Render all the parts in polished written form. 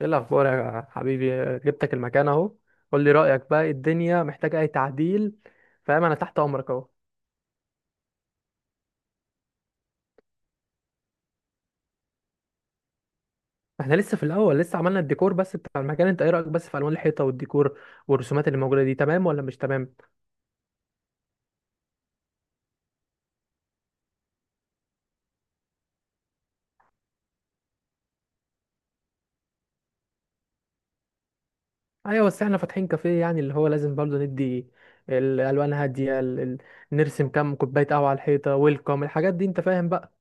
ايه الاخبار يا حبيبي؟ جبتك المكان اهو. قول لي رايك بقى، إيه الدنيا محتاجه اي تعديل؟ فاهم، انا تحت امرك اهو. احنا لسه في الاول، لسه عملنا الديكور بس بتاع المكان. انت ايه رايك بس في الوان الحيطه والديكور والرسومات اللي موجوده دي، تمام ولا مش تمام؟ ايوه بس احنا فاتحين كافيه، يعني اللي هو لازم برضه ندي الالوان هاديه، نرسم كام كوبايه قهوه على الحيطه ويلكم الحاجات دي، انت فاهم بقى.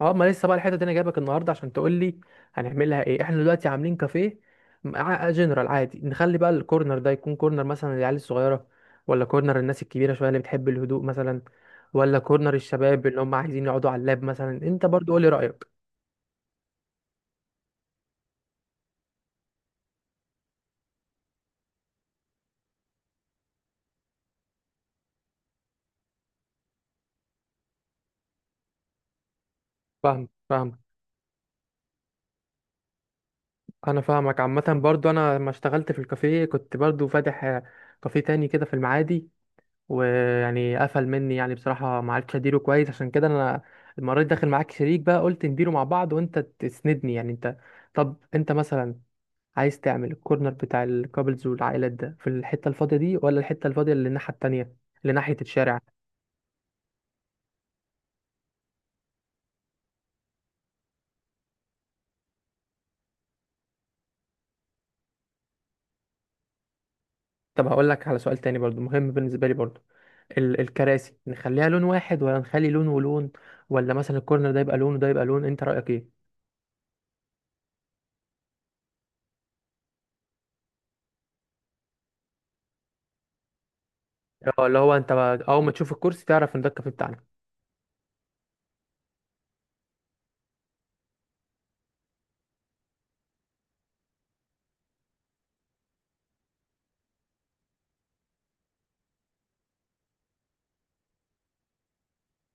اه، ما لسه بقى الحته دي، انا جايبك النهارده عشان تقول لي هنعملها ايه. احنا دلوقتي عاملين كافيه جنرال عادي. نخلي بقى الكورنر ده يكون كورنر مثلا للعيال الصغيره، ولا كورنر الناس الكبيره شويه اللي بتحب الهدوء مثلا، ولا كورنر الشباب اللي هم عايزين يقعدوا على اللاب مثلا؟ انت برضو قولي رايك. فاهم فاهم. انا فاهمك. عامه برضو انا لما اشتغلت في الكافيه كنت برضو فاتح آه، كافيه تاني كده في المعادي، ويعني قفل مني، يعني بصراحة ما عرفتش اديره كويس. عشان كده انا المرة دي داخل معاك شريك بقى، قلت نديره مع بعض وانت تسندني يعني. انت طب انت مثلا عايز تعمل الكورنر بتاع الكابلز والعائلات ده في الحتة الفاضية دي، ولا الحتة الفاضية اللي الناحية التانية اللي ناحية الشارع؟ طب هقول لك على سؤال تاني برضو مهم بالنسبة لي برضو، الكراسي نخليها لون واحد، ولا نخلي لون ولون، ولا مثلا الكورنر ده يبقى لون وده يبقى لون؟ انت رأيك ايه؟ اه، اللي هو انت اول ما تشوف الكرسي تعرف ان ده الكافيه بتاعنا.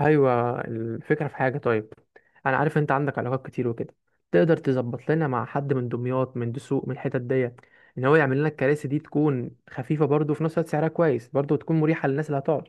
ايوه، الفكره في حاجه. طيب، انا عارف انت عندك علاقات كتير وكده، تقدر تظبط لنا مع حد من دمياط، من دسوق، من الحتت ديت، ان هو يعمل لنا الكراسي دي تكون خفيفه برضو، وفي نفس الوقت سعرها كويس برضو، وتكون مريحه للناس اللي هتقعد.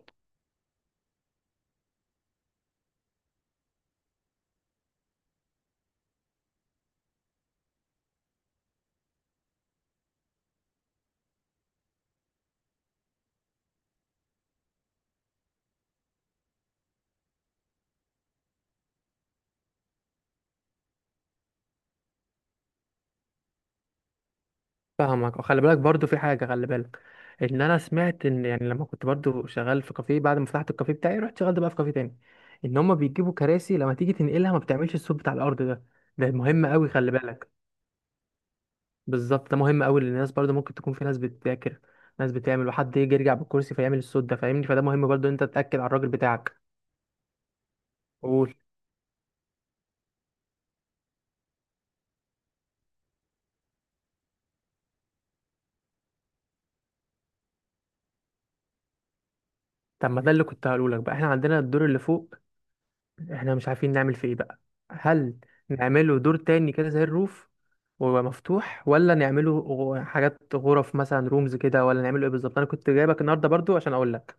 فاهمك، وخلي بالك برضو في حاجه، خلي بالك ان انا سمعت ان يعني لما كنت برضو شغال في كافيه، بعد ما فتحت الكافيه بتاعي رحت شغلت بقى في كافيه تاني، ان هما بيجيبوا كراسي لما تيجي تنقلها ما بتعملش الصوت بتاع الارض ده. ده مهم قوي، خلي بالك. بالظبط، ده مهم قوي، لان الناس برضه ممكن تكون في ناس بتذاكر، ناس بتعمل، وحد يجي يرجع بالكرسي فيعمل الصوت ده، فاهمني؟ فده مهم برضه إن انت تتاكد على الراجل بتاعك. قول. طب ما ده اللي كنت هقوله لك بقى، احنا عندنا الدور اللي فوق، احنا مش عارفين نعمل فيه ايه بقى. هل نعمله دور تاني كده زي الروف ويبقى مفتوح، ولا نعمله حاجات غرف مثلا، رومز كده، ولا نعمله ايه بالظبط؟ انا كنت جايبك النهارده برضو عشان اقول لك.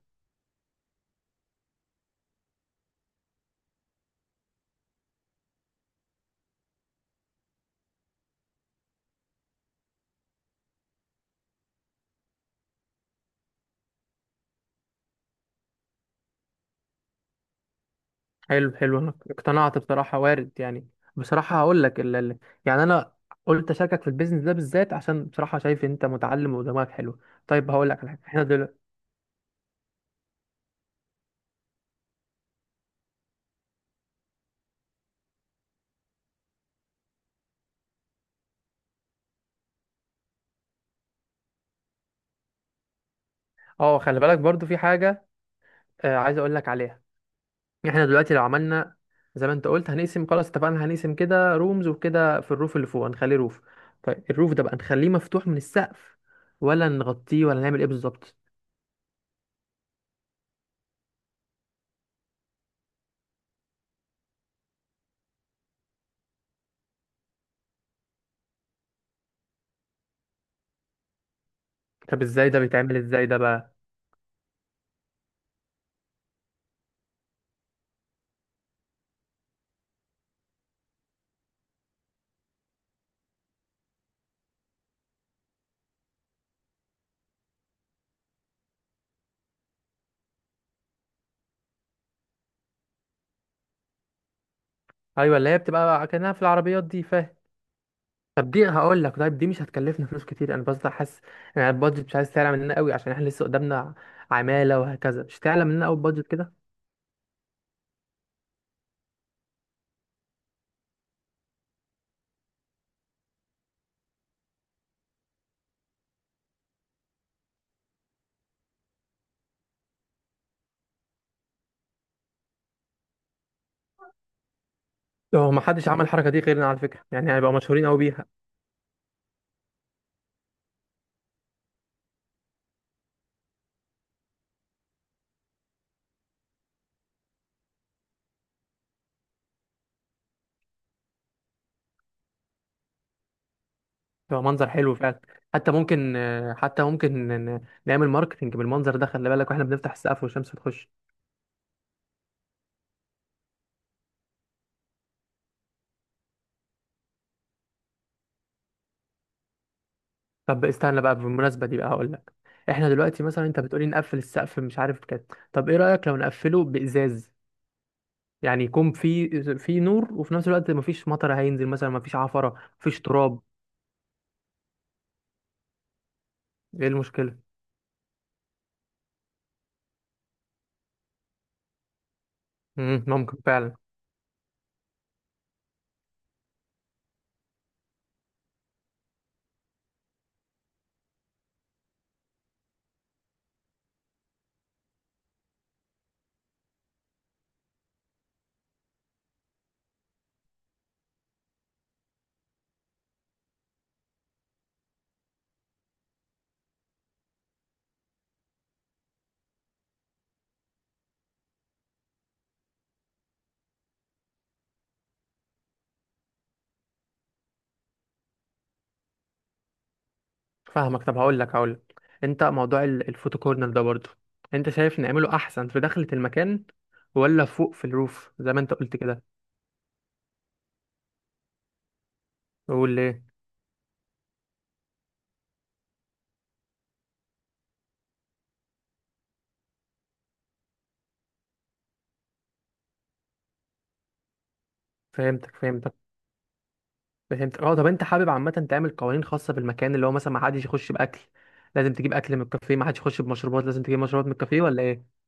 حلو حلو، انا اقتنعت بصراحة، وارد يعني. بصراحة هقول لك يعني انا قلت اشاركك في البيزنس ده بالذات عشان بصراحة شايف انت متعلم ودماغك حلو. طيب هقول لك على حاجة احنا دلوقتي. اه، خلي بالك برضو في حاجة، آه عايز اقول لك عليها. احنا دلوقتي لو عملنا زي ما انت قلت هنقسم. خلاص، اتفقنا هنقسم كده رومز وكده، في الروف اللي فوق هنخليه روف. طيب الروف ده بقى نخليه مفتوح من السقف، ولا نغطيه، ولا نعمل ايه بالظبط؟ طب ازاي ده بيتعمل، ازاي ده بقى؟ ايوه، اللي هي بتبقى كأنها في العربيات دي، فاهم. طب دي هقول لك، طيب دي مش هتكلفنا فلوس كتير؟ انا بس حاسس يعني البادجت مش عايز تعلى مننا قوي، عشان احنا لسه قدامنا عماله وهكذا، مش تعلى مننا قوي البادجت كده. هو ما حدش عمل الحركه دي غيرنا على فكره، يعني هيبقى مشهورين قوي بيها. هيبقى منظر حلو فعلا. حتى ممكن آه، حتى ممكن نعمل ماركتنج بالمنظر ده، خلي بالك، واحنا بنفتح السقف والشمس هتخش. طب استنى بقى، بالمناسبه دي بقى هقول لك، احنا دلوقتي مثلا انت بتقولي نقفل السقف مش عارف كده، طب ايه رايك لو نقفله بازاز؟ يعني يكون في نور، وفي نفس الوقت مفيش مطر هينزل مثلا، مفيش عفرة، مفيش تراب. ايه المشكلة؟ مم، ممكن فعلا. فاهمك. طب هقول لك هقول لك، انت موضوع الفوتو كورنر ده برضه، انت شايف نعمله احسن في داخلة المكان ولا فوق في الروف زي ما انت قلت كده؟ قول ليه. فهمتك فهمتك فهمتك. اه طب انت حابب عامة تعمل قوانين خاصة بالمكان، اللي هو مثلا ما حدش يخش باكل، لازم تجيب اكل من الكافيه، ما حدش يخش بمشروبات لازم تجيب مشروبات من الكافيه، ولا ايه؟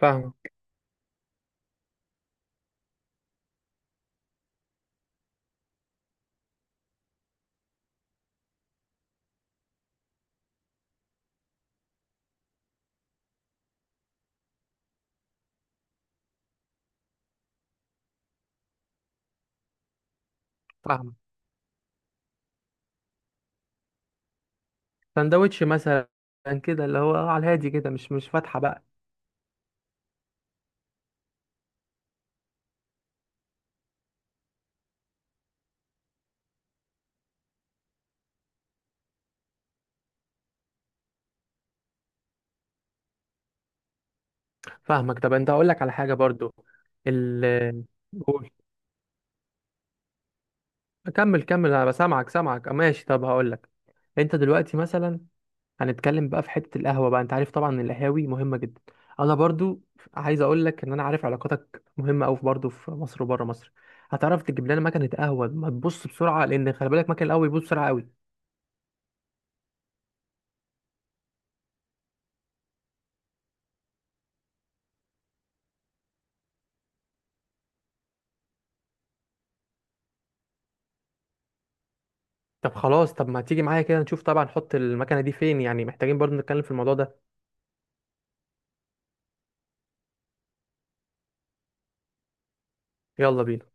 فاهم. فاهم. سندوتش مثلا، كده اللي هو على الهادي كده، مش فاتحه بقى. فاهمك. طب انت اقول لك على حاجه برضو ال قول. كمل كمل انا بسامعك. سامعك ماشي. طب هقول لك، انت دلوقتي مثلا، هنتكلم بقى في حته القهوه بقى. انت عارف طبعا ان القهاوي مهمه جدا. انا برضو عايز اقول لك ان انا عارف علاقاتك مهمه قوي برضو في مصر وبره مصر. هتعرف تجيب لنا مكنه قهوه ما تبص بسرعه، لان خلي بالك مكنه القهوه بيبص بسرعه قوي. طب خلاص، طب ما تيجي معايا كده نشوف طبعا نحط المكنه دي فين، يعني محتاجين برضو نتكلم في الموضوع ده. يلا بينا.